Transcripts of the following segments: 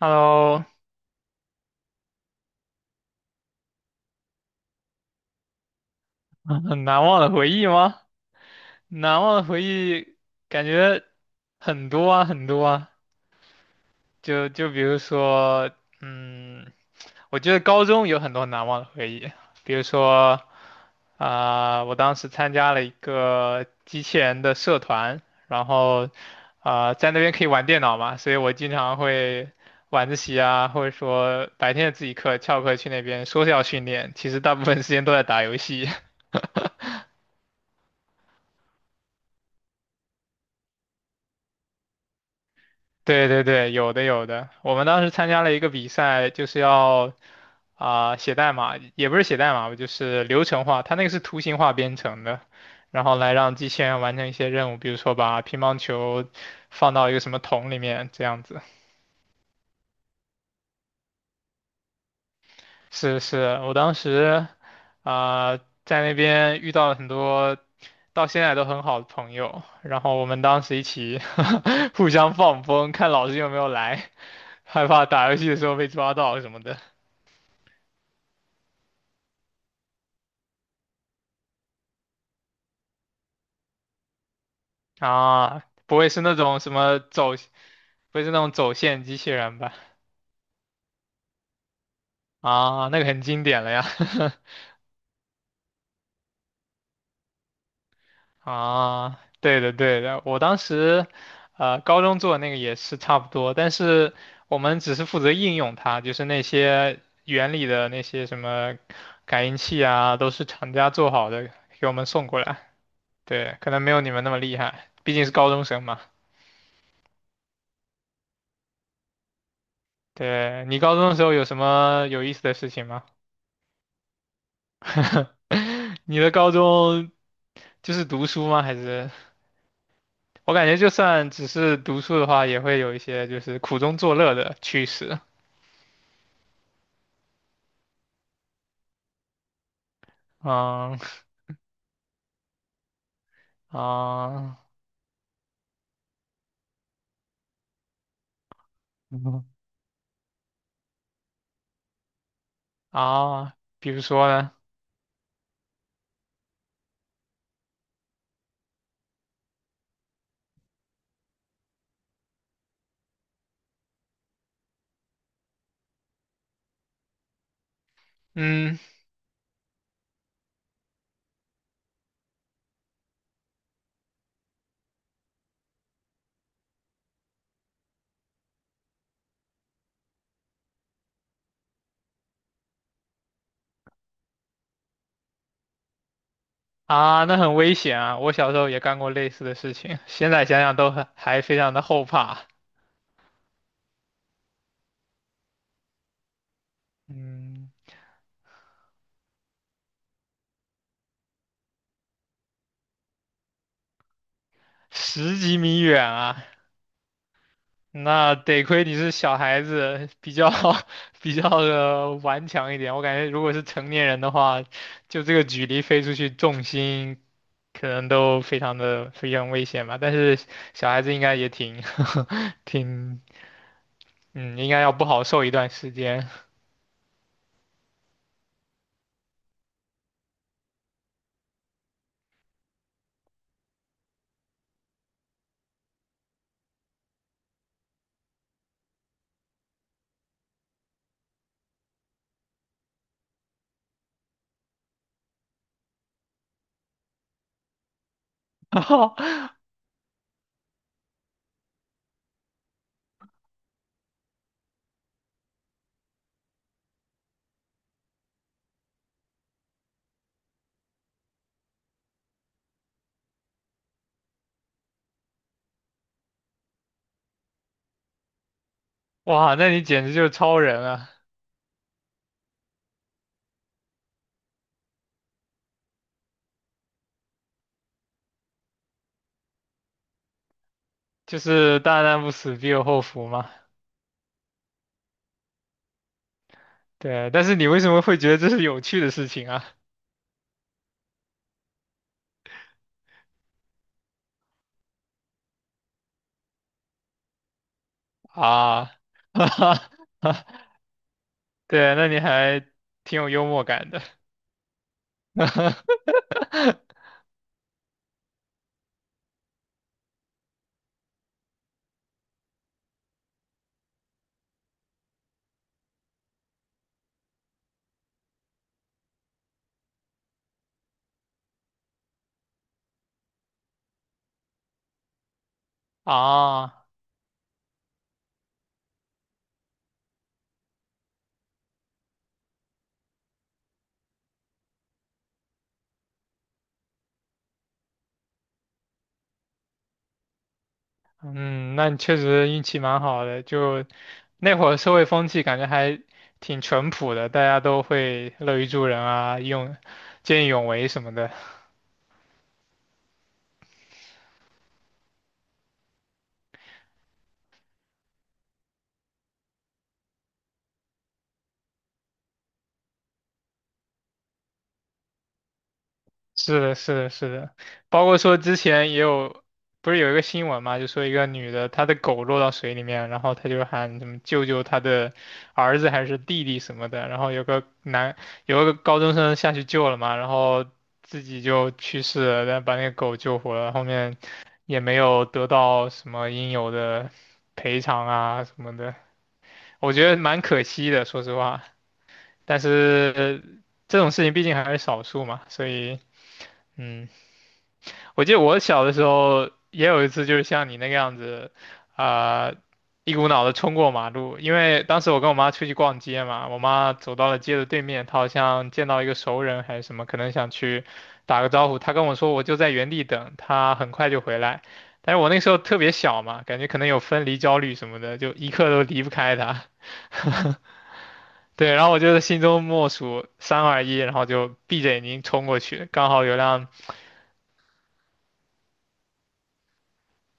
Hello，很难忘的回忆吗？难忘的回忆感觉很多啊，很多啊。就比如说，嗯，我觉得高中有很多难忘的回忆，比如说我当时参加了一个机器人的社团，然后在那边可以玩电脑嘛，所以我经常会晚自习啊，或者说白天的自习课翘课去那边说是要训练，其实大部分时间都在打游戏。对对对，有的有的。我们当时参加了一个比赛，就是要写代码，也不是写代码吧，就是流程化。它那个是图形化编程的，然后来让机器人完成一些任务，比如说把乒乓球放到一个什么桶里面这样子。是是，我当时啊、在那边遇到了很多到现在都很好的朋友，然后我们当时一起 互相放风，看老师有没有来，害怕打游戏的时候被抓到什么的。啊，不会是那种什么走，不会是那种走线机器人吧？啊，那个很经典了呀。啊，对的对的，我当时，高中做的那个也是差不多，但是我们只是负责应用它，就是那些原理的那些什么感应器啊，都是厂家做好的，给我们送过来。对，可能没有你们那么厉害，毕竟是高中生嘛。对，你高中的时候有什么有意思的事情吗？你的高中就是读书吗？还是我感觉就算只是读书的话，也会有一些就是苦中作乐的趣事。嗯啊嗯比如说呢？嗯那很危险啊！我小时候也干过类似的事情，现在想想都很还非常的后怕。嗯，十几米远啊，那得亏你是小孩子，比较 比较的顽强一点。我感觉如果是成年人的话，就这个距离飞出去，重心可能都非常的非常危险吧。但是小孩子应该也挺 挺嗯，应该要不好受一段时间。哇，那你简直就是超人啊！就是大难不死必有后福嘛。对，但是你为什么会觉得这是有趣的事情啊？啊，对，那你还挺有幽默感的。啊，嗯，那你确实运气蛮好的。就那会儿社会风气感觉还挺淳朴的，大家都会乐于助人啊，用见义勇为什么的。是的，是的，是的，包括说之前也有，不是有一个新闻嘛，就说一个女的，她的狗落到水里面，然后她就喊什么救救她的儿子还是弟弟什么的，然后有个高中生下去救了嘛，然后自己就去世了，但把那个狗救活了，后面也没有得到什么应有的赔偿啊什么的，我觉得蛮可惜的，说实话，但是这种事情毕竟还是少数嘛，所以嗯。我记得我小的时候也有一次，就是像你那个样子，啊、一股脑的冲过马路。因为当时我跟我妈出去逛街嘛，我妈走到了街的对面，她好像见到一个熟人还是什么，可能想去打个招呼。她跟我说，我就在原地等，她很快就回来。但是我那时候特别小嘛，感觉可能有分离焦虑什么的，就一刻都离不开她。对，然后我就是心中默数三二一，然后就闭着眼睛冲过去，刚好有辆。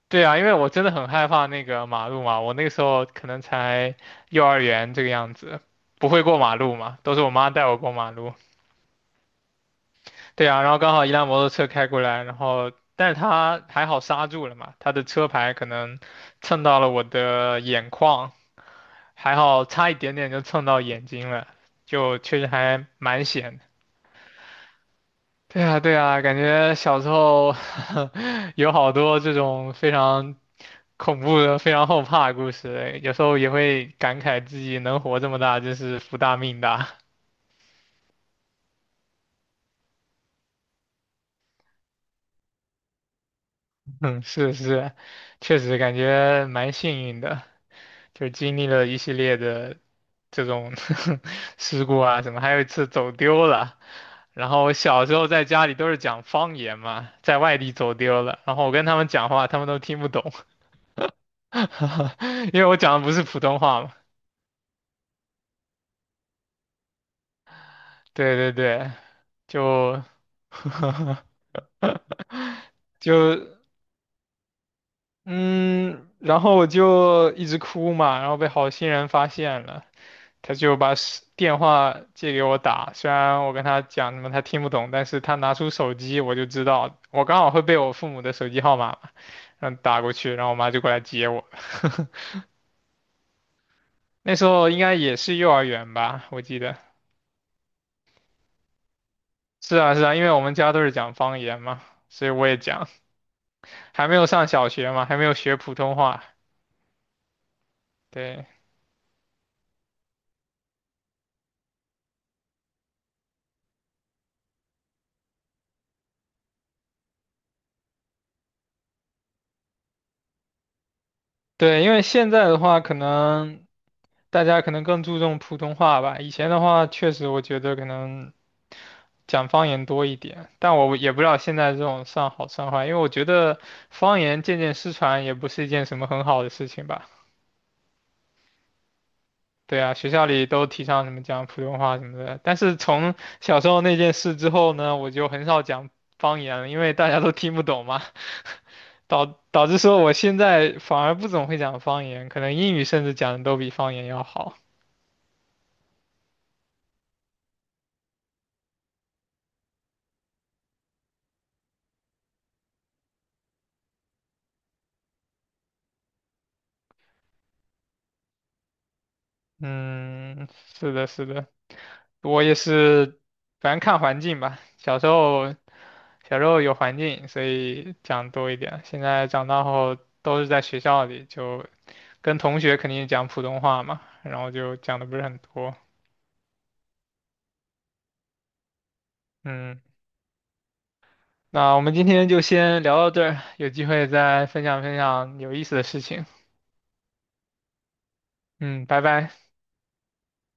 对啊，因为我真的很害怕那个马路嘛，我那个时候可能才幼儿园这个样子，不会过马路嘛，都是我妈带我过马路。对啊，然后刚好一辆摩托车开过来，然后但是他还好刹住了嘛，他的车牌可能蹭到了我的眼眶，还好差一点点就蹭到眼睛了，就确实还蛮险的。对啊，对啊，感觉小时候 有好多这种非常恐怖的、非常后怕的故事，哎有时候也会感慨自己能活这么大，真是福大命大。嗯，是是，确实感觉蛮幸运的，就是经历了一系列的这种 事故啊什么，还有一次走丢了。然后我小时候在家里都是讲方言嘛，在外地走丢了，然后我跟他们讲话，他们都听不懂。因为我讲的不是普通话嘛。对对对，就 就嗯，然后我就一直哭嘛，然后被好心人发现了，他就把手电话借给我打，虽然我跟他讲什么他听不懂，但是他拿出手机我就知道，我刚好会背我父母的手机号码嘛，然后打过去，然后我妈就过来接我。那时候应该也是幼儿园吧，我记得。是啊，是啊，因为我们家都是讲方言嘛，所以我也讲。还没有上小学嘛，还没有学普通话。对对，因为现在的话，可能大家可能更注重普通话吧。以前的话，确实我觉得可能讲方言多一点，但我也不知道现在这种算好算坏，因为我觉得方言渐渐失传也不是一件什么很好的事情吧。对啊，学校里都提倡什么讲普通话什么的，但是从小时候那件事之后呢，我就很少讲方言了，因为大家都听不懂嘛。导导致说我现在反而不怎么会讲方言，可能英语甚至讲的都比方言要好。嗯，是的，是的，我也是，反正看环境吧。小时候，小时候有环境，所以讲多一点。现在长大后都是在学校里，就跟同学肯定讲普通话嘛，然后就讲的不是很多。嗯，那我们今天就先聊到这儿，有机会再分享分享有意思的事情。嗯，拜拜。